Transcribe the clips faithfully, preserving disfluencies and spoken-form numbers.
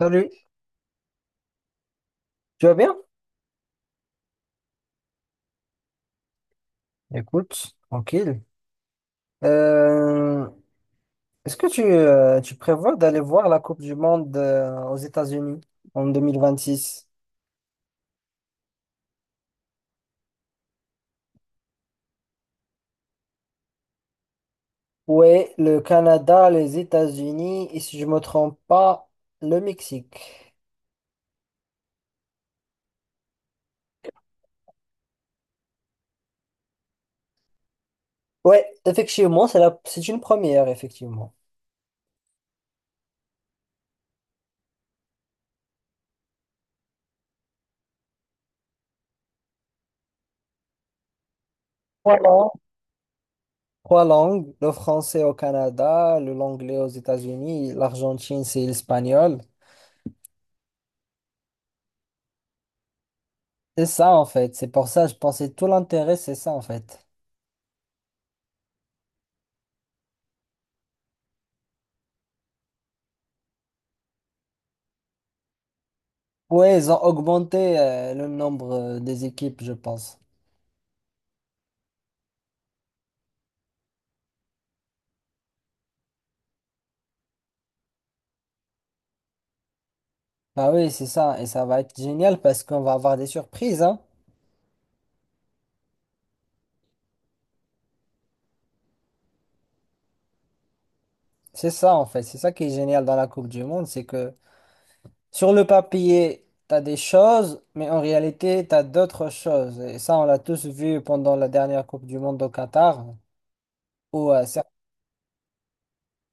Salut, tu vas bien? Écoute, tranquille. Euh, Est-ce que tu, euh, tu prévois d'aller voir la Coupe du Monde euh, aux États-Unis en deux mille vingt-six? Oui, le Canada, les États-Unis et si je me trompe pas, le Mexique. Ouais, effectivement, c'est la, c'est une première, effectivement. Trois langues. Trois langues, le français au Canada, le l'anglais aux États-Unis, l'Argentine, c'est l'espagnol. C'est ça, en fait. C'est pour ça, je pensais tout l'intérêt, c'est ça, en fait. Ouais, ils ont augmenté euh, le nombre euh, des équipes, je pense. Bah oui, c'est ça. Et ça va être génial parce qu'on va avoir des surprises, hein. C'est ça, en fait. C'est ça qui est génial dans la Coupe du Monde, c'est que sur le papier, t'as des choses, mais en réalité, t'as d'autres choses. Et ça, on l'a tous vu pendant la dernière Coupe du Monde au Qatar, où euh, cer-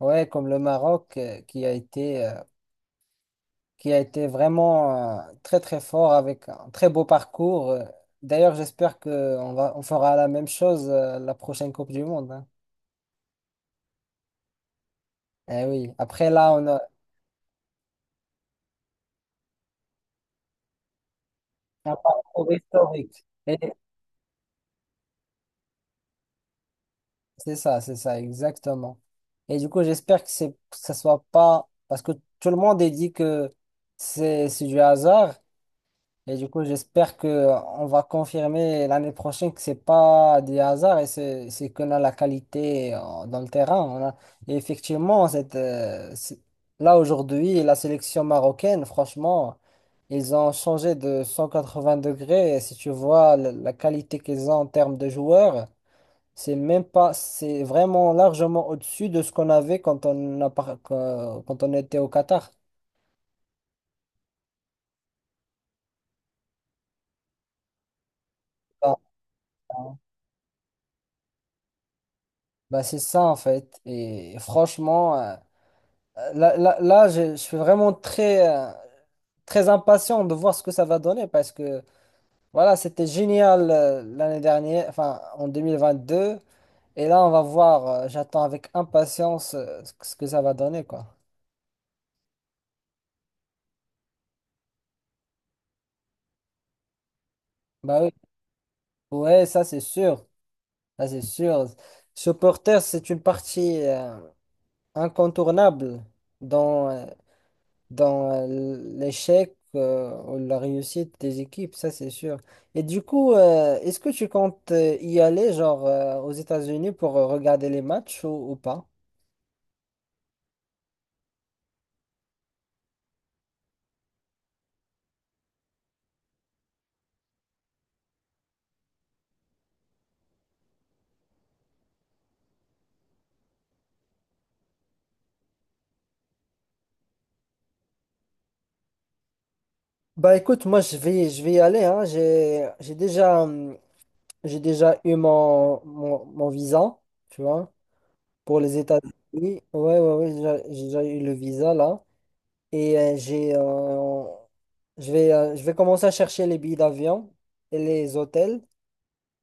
ouais, comme le Maroc, euh, qui a été euh, qui a été vraiment euh, très très fort avec un très beau parcours. Euh, D'ailleurs, j'espère qu'on va, on fera la même chose euh, la prochaine Coupe du Monde. hein. Eh oui, après là, on a un parcours historique. Et c'est ça, c'est ça, exactement. Et du coup, j'espère que c'est, que ça soit pas, parce que tout le monde est dit que c'est c'est du hasard. Et du coup, j'espère que euh, on va confirmer l'année prochaine que c'est pas des hasards et c'est c'est qu'on a la qualité euh, dans le terrain. On a... Et effectivement, cette, euh, c'est- là aujourd'hui, la sélection marocaine, franchement, ils ont changé de cent quatre-vingts degrés. Et si tu vois la, la qualité qu'ils ont en termes de joueurs, c'est même pas, c'est vraiment largement au-dessus de ce qu'on avait quand on a, par- quand quand on était au Qatar. Ah, bah c'est ça en fait. Et franchement. euh, Là, là, là, je, je suis vraiment très, euh, très impatient de voir ce que ça va donner parce que voilà, c'était génial euh, l'année dernière, enfin en deux mille vingt-deux. Et là, on va voir, euh, j'attends avec impatience euh, ce que ce que ça va donner, quoi. Bah oui, ouais, ça c'est sûr, ça c'est sûr. Supporter, c'est une partie euh, incontournable dans, euh, dans euh, l'échec euh, ou la réussite des équipes, ça c'est sûr. Et du coup, euh, est-ce que tu comptes euh, y aller, genre euh, aux États-Unis pour euh, regarder les matchs ou, ou pas? Bah écoute, moi je vais, je vais y aller, hein. J'ai, j'ai déjà, hum, j'ai déjà eu mon, mon, mon visa, tu vois, pour les États-Unis. Ouais, ouais, ouais, j'ai j'ai déjà eu le visa là. Et euh, j'ai, euh, je vais, euh, je vais commencer à chercher les billets d'avion et les hôtels.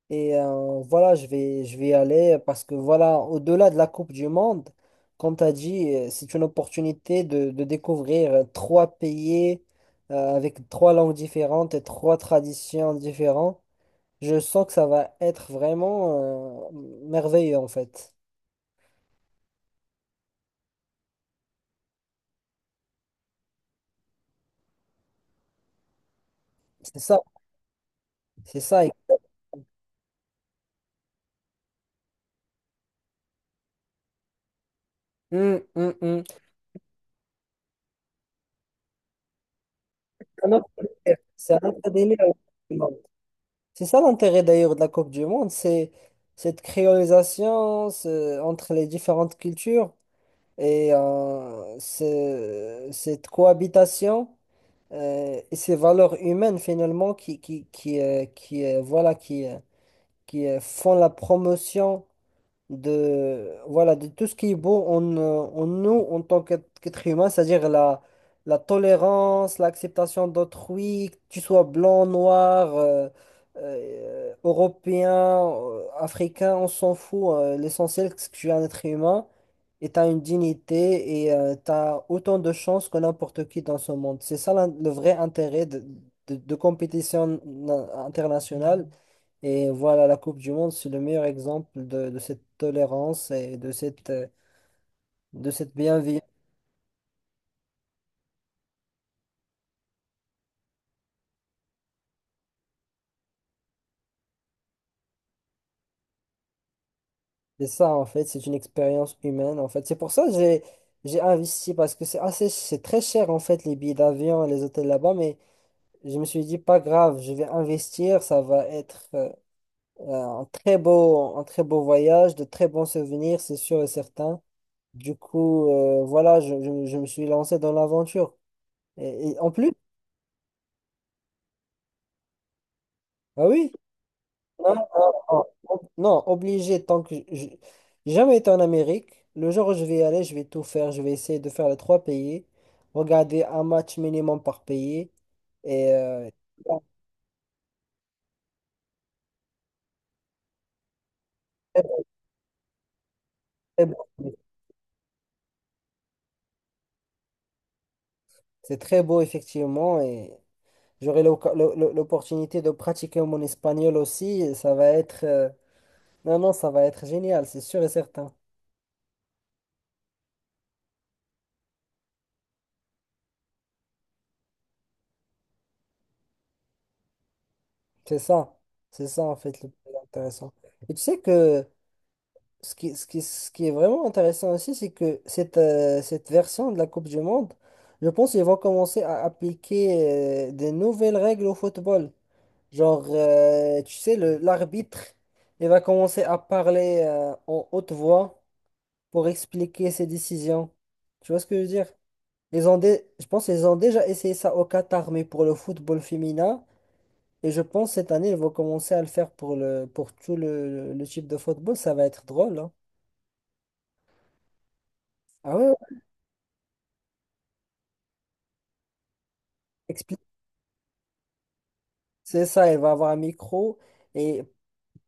Et euh, voilà, je vais, je vais y aller parce que voilà, au-delà de la Coupe du Monde, comme tu as dit, euh, c'est une opportunité de, de découvrir euh, trois pays euh, avec trois langues différentes et trois traditions différentes. Je sens que ça va être vraiment euh, merveilleux en fait. C'est ça, c'est ça. Hum, hum, hum. C'est un autre c'est un autre délire, la Coupe du Monde. C'est ça l'intérêt d'ailleurs de la Coupe du Monde, c'est cette créolisation ce- entre les différentes cultures. et euh, ce- cette cohabitation euh, et ces valeurs humaines finalement qui, qui, qui, euh, qui, euh, voilà, qui, euh, qui euh, font la promotion de, voilà, de tout ce qui est beau en, euh, en nous en tant qu'être qu'être humain, c'est-à-dire la, la tolérance, l'acceptation d'autrui, que tu sois blanc, noir, euh, euh, européen, euh, africain, on s'en fout. euh, l'essentiel, c'est que tu es un être humain et tu as une dignité et tu as autant de chances que n'importe qui dans ce monde. C'est ça l'in- le vrai intérêt de, de, de compétition na- internationale et voilà, la Coupe du Monde, c'est le meilleur exemple de, de cette tolérance et de cette, euh, de cette bienveillance. C'est ça, en fait, c'est une expérience humaine, en fait. C'est pour ça que j'ai, j'ai investi, parce que c'est assez, c'est très cher, en fait, les billets d'avion et les hôtels là-bas, mais je me suis dit, pas grave, je vais investir, ça va être euh, euh, un très beau, un très beau voyage, de très bons souvenirs, c'est sûr et certain. Du coup, euh, voilà, je, je, je me suis lancé dans l'aventure. Et, et en plus, ah oui. Non, non, non, ob- non, obligé, tant que j'ai j'ai jamais été en Amérique, le jour où je vais y aller, je vais tout faire, je vais essayer de faire les trois pays, regarder un match minimum par pays, et euh, c'est très beau, c'est très beau, effectivement, et j'aurai l'oc- l'o- l'o- l'opportunité de pratiquer mon espagnol aussi, et ça va être, euh, non, non, ça va être génial, c'est sûr et certain, c'est ça, c'est ça en fait le plus intéressant. Et tu sais que Ce qui, ce qui, ce qui est vraiment intéressant aussi, c'est que cette, euh, cette version de la Coupe du Monde, je pense qu'ils vont commencer à appliquer euh, des nouvelles règles au football. Genre, euh, tu sais, le, l'arbitre, il va commencer à parler euh, en haute voix pour expliquer ses décisions. Tu vois ce que je veux dire? Ils ont dé- Je pense qu'ils ont déjà essayé ça au Qatar, mais pour le football féminin. Et je pense cette année, ils vont commencer à le faire pour le, pour tout le, le type de football. Ça va être drôle, hein. Ah, ouais. Expli- C'est ça, elle va avoir un micro et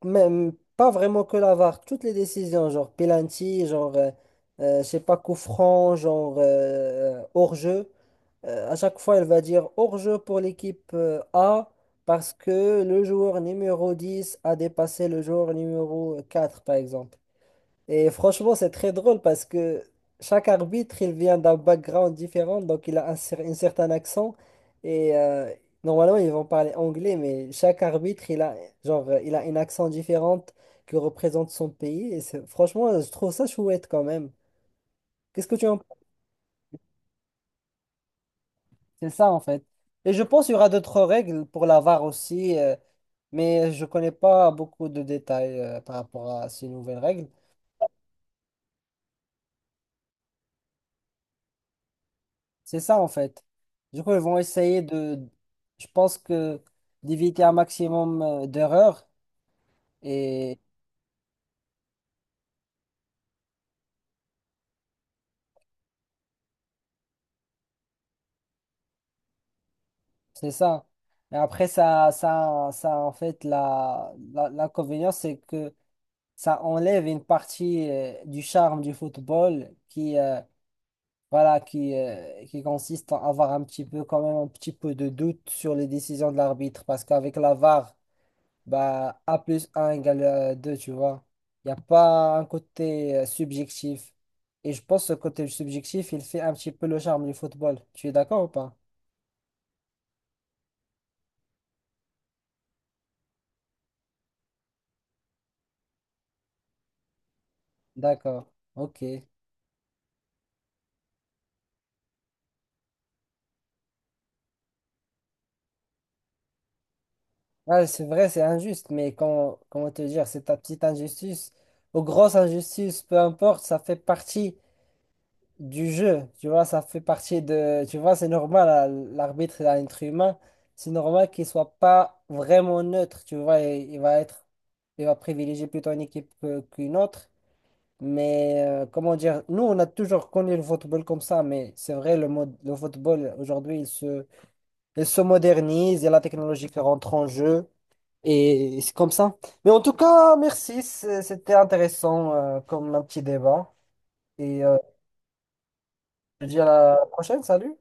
même pas vraiment que la V A R, toutes les décisions, genre penalty, genre, euh, euh, je sais pas, coup franc, genre euh, hors-jeu. Euh, à chaque fois, elle va dire hors-jeu pour l'équipe euh, A parce que le joueur numéro dix a dépassé le joueur numéro quatre, par exemple. Et franchement, c'est très drôle parce que chaque arbitre, il vient d'un background différent, donc il a un, cer- un certain accent. Et euh, normalement, ils vont parler anglais, mais chaque arbitre, il a, genre, euh, il a un accent différent qui représente son pays. Et c'est- franchement, je trouve ça chouette quand même. Qu'est-ce que tu en penses? C'est ça, en fait. Et je pense qu'il y aura d'autres règles pour la V A R aussi, euh, mais je connais pas beaucoup de détails euh, par rapport à ces nouvelles règles. C'est ça en fait. Du coup, ils vont essayer de, je pense que d'éviter un maximum euh, d'erreurs et c'est ça. Et après, ça, ça, ça en fait, la, la- l'inconvénient, c'est que ça enlève une partie euh, du charme du football qui, euh, voilà, qui, euh, qui consiste à avoir un petit peu, quand même, un petit peu de doute sur les décisions de l'arbitre parce qu'avec la V A R, bah, A plus un égale euh, deux, tu vois. Il n'y a pas un côté euh, subjectif. Et je pense que ce côté subjectif, il fait un petit peu le charme du football. Tu es d'accord ou pas? D'accord. Ok. Ouais, c'est vrai, c'est injuste, mais comment, comment te dire, c'est ta petite injustice ou grosse injustice, peu importe, ça fait partie du jeu. Tu vois, ça fait partie de. Tu vois, c'est normal, à- l'arbitre est un être humain. C'est normal qu'il soit pas vraiment neutre. Tu vois, il, il va être. Il va privilégier plutôt une équipe que- qu'une autre. Mais euh, comment dire, nous, on a toujours connu le football comme ça. Mais c'est vrai, le, mode, le football, aujourd'hui, il se, il se modernise. Il y a la technologie qui rentre en jeu. Et c'est comme ça. Mais en tout cas, merci. c'est- C'était intéressant euh, comme un petit débat. Et euh, je te dis à la prochaine. Salut.